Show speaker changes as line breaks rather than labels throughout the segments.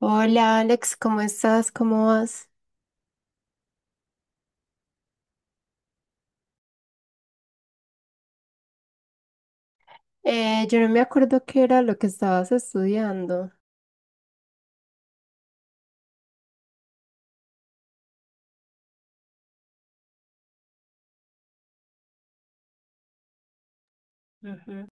Hola Alex, ¿cómo estás? ¿Cómo vas? Yo no me acuerdo qué era lo que estabas estudiando. Ujú.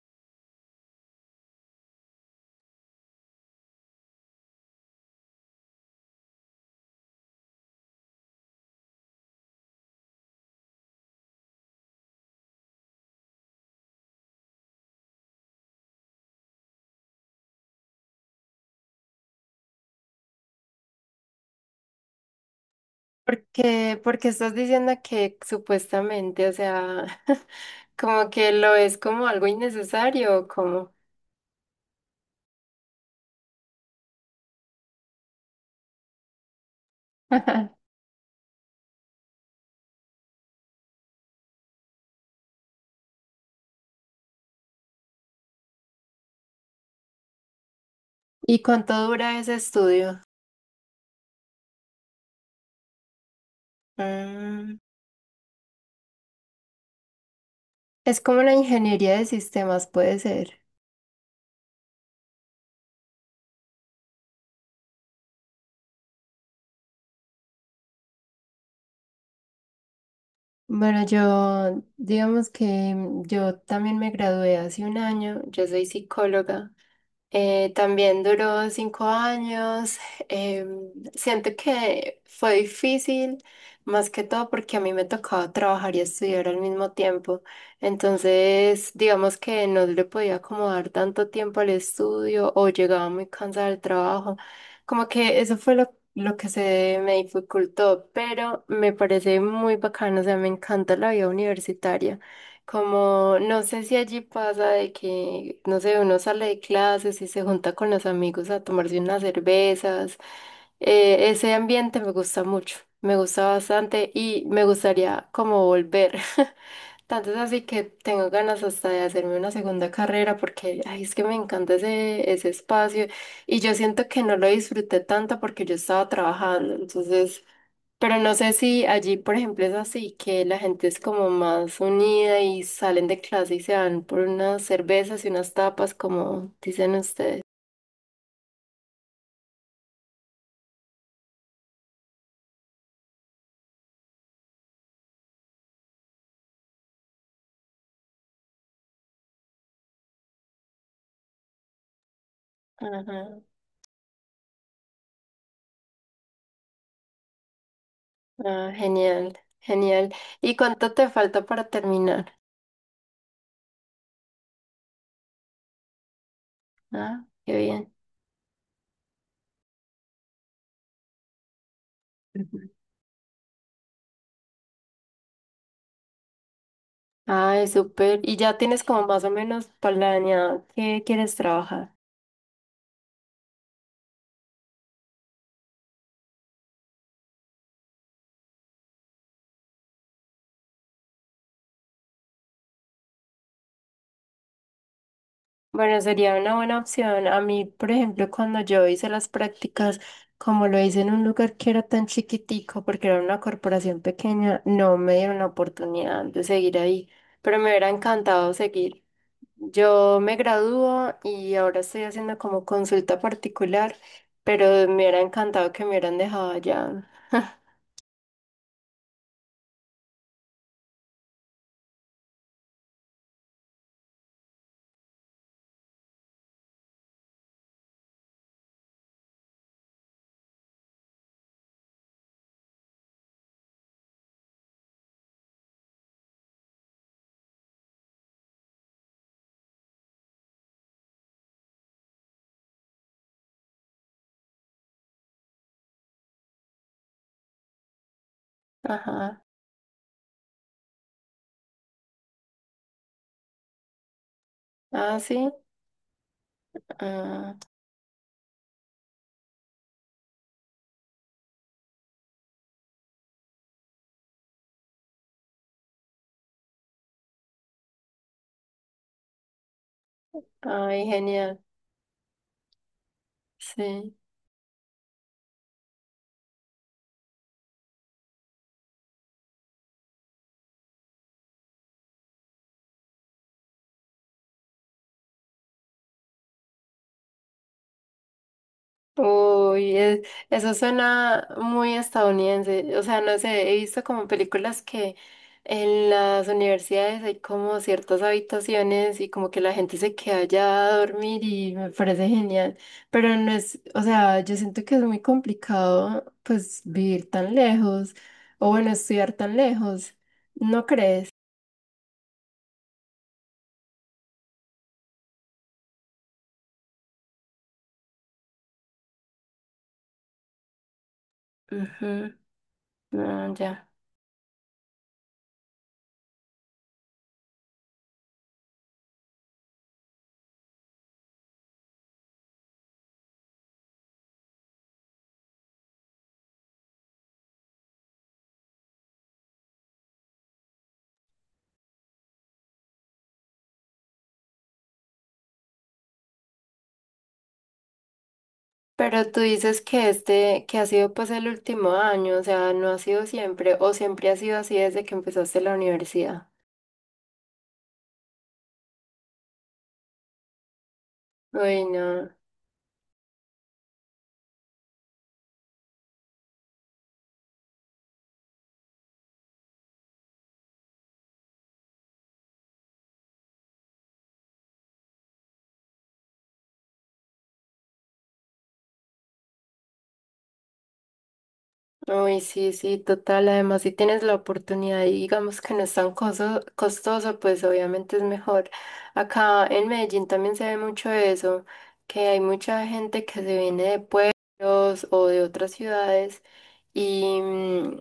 Porque estás diciendo que supuestamente, o sea, como que lo es como algo innecesario, o ¿cómo? ¿Y cuánto dura ese estudio? Mm, es como la ingeniería de sistemas, puede ser. Bueno, yo, digamos que yo también me gradué hace un año, yo soy psicóloga. También duró 5 años. Em, Siento que fue difícil, más que todo porque a mí me tocaba trabajar y estudiar al mismo tiempo. Entonces, digamos que no le podía acomodar tanto tiempo al estudio o llegaba muy cansada del trabajo. Como que eso fue lo que se me dificultó, pero me parece muy bacano, o sea, me encanta la vida universitaria. Como, no sé si allí pasa de que, no sé, uno sale de clases y se junta con los amigos a tomarse unas cervezas. Ese ambiente me gusta mucho, me gusta bastante y me gustaría como volver. Tanto es así que tengo ganas hasta de hacerme una segunda carrera porque, ay, es que me encanta ese espacio y yo siento que no lo disfruté tanto porque yo estaba trabajando, entonces... Pero no sé si allí, por ejemplo, es así, que la gente es como más unida y salen de clase y se van por unas cervezas y unas tapas, como dicen ustedes. Ajá. Ah, genial, genial. ¿Y cuánto te falta para terminar? Ah, qué bien. Ujú. Ay, súper. ¿Y ya tienes como más o menos planeado qué quieres trabajar? Bueno, sería una buena opción. A mí, por ejemplo, cuando yo hice las prácticas, como lo hice en un lugar que era tan chiquitico, porque era una corporación pequeña, no me dieron la oportunidad de seguir ahí, pero me hubiera encantado seguir. Yo me gradúo y ahora estoy haciendo como consulta particular, pero me hubiera encantado que me hubieran dejado allá. Ajá. Ah, sí. Ah, ay, genial. Sí. Uy, es- Eso suena muy estadounidense. O sea, no sé, he visto como películas que en las universidades hay como ciertas habitaciones y como que la gente se queda allá a dormir y me parece genial. Pero no es, o sea, yo siento que es muy complicado pues vivir tan lejos o bueno, estudiar tan lejos. ¿No crees? Ujú, no, ya. Pero tú dices que este, que ha sido pues el último año, o sea, no ha sido siempre, o siempre ha sido así desde que empezaste la universidad. Uy, no. Uy, sí, sí, total. Además, si tienes la oportunidad y digamos que no es tan costoso, pues obviamente es mejor. Acá en Medellín también se ve mucho eso, que hay mucha gente que se viene de pueblos o de otras ciudades. Y, mm,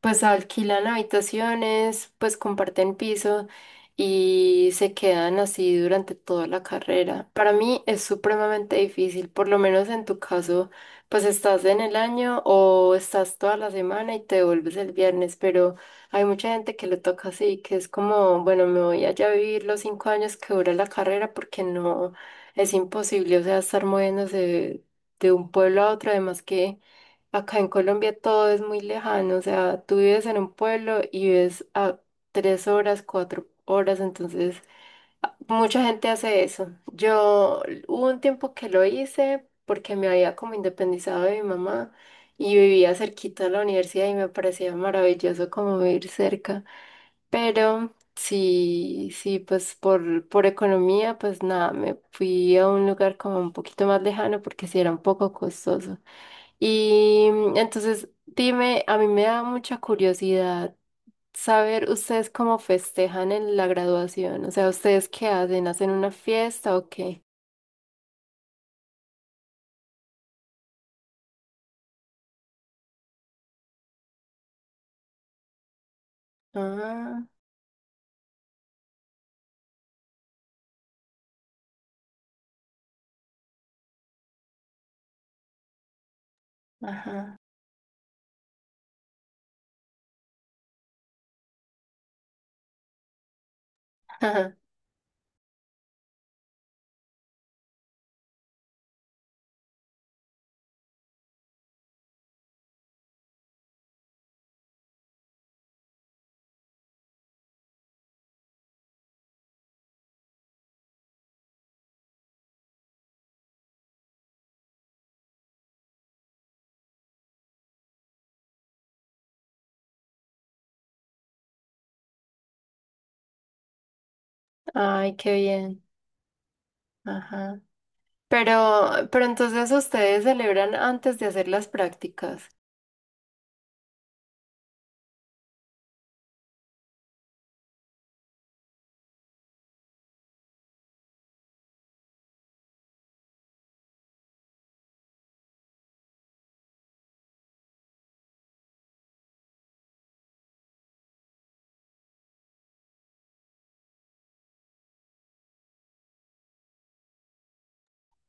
pues alquilan habitaciones, pues comparten piso y se quedan así durante toda la carrera. Para mí es supremamente difícil, por lo menos en tu caso, pues estás en el año o estás toda la semana y te vuelves el viernes, pero hay mucha gente que le toca así, que es como, bueno, me voy allá a vivir los 5 años que dura la carrera porque no, es imposible, o sea, estar moviéndose de un pueblo a otro, además que... Acá en Colombia todo es muy lejano, o sea, tú vives en un pueblo y ves a 3 horas, 4 horas, entonces mucha gente hace eso. Yo hubo un tiempo que lo hice porque me había como independizado de mi mamá y vivía cerquita a la universidad y me parecía maravilloso como vivir cerca, pero sí, sí, pues por economía, pues nada, me fui a un lugar como un poquito más lejano porque sí era un poco costoso. Y mm, entonces, dime, a mí me da mucha curiosidad saber ustedes cómo festejan en la graduación. O sea, ¿ustedes qué hacen? ¿Hacen una fiesta o qué? Ah, ajá. Ay, qué bien. Ajá. Pero entonces ustedes celebran antes de hacer las prácticas.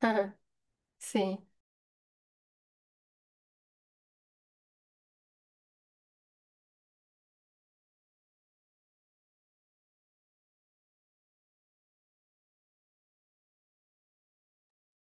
Ajá. Sí.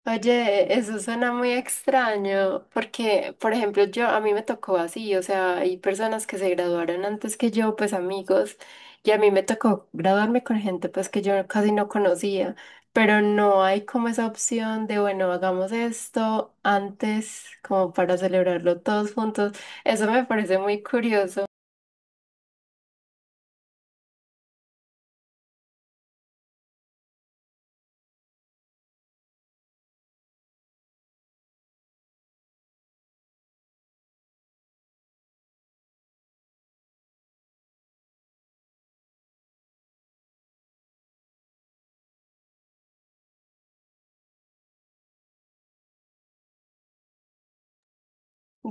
Oye, eso suena muy extraño, porque, por ejemplo, yo, a mí me tocó así, o sea, hay personas que se graduaron antes que yo, pues amigos, y a mí me tocó graduarme con gente pues que yo casi no conocía, pero no hay como esa opción de, bueno, hagamos esto antes, como para celebrarlo todos juntos. Eso me parece muy curioso.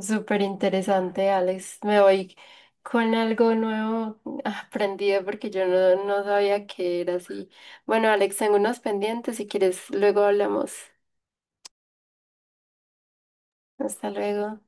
Súper interesante, Alex. Me voy con algo nuevo aprendido porque yo no sabía que era así. Bueno, Alex, tengo unos pendientes. Si quieres, luego hablamos. Hasta luego.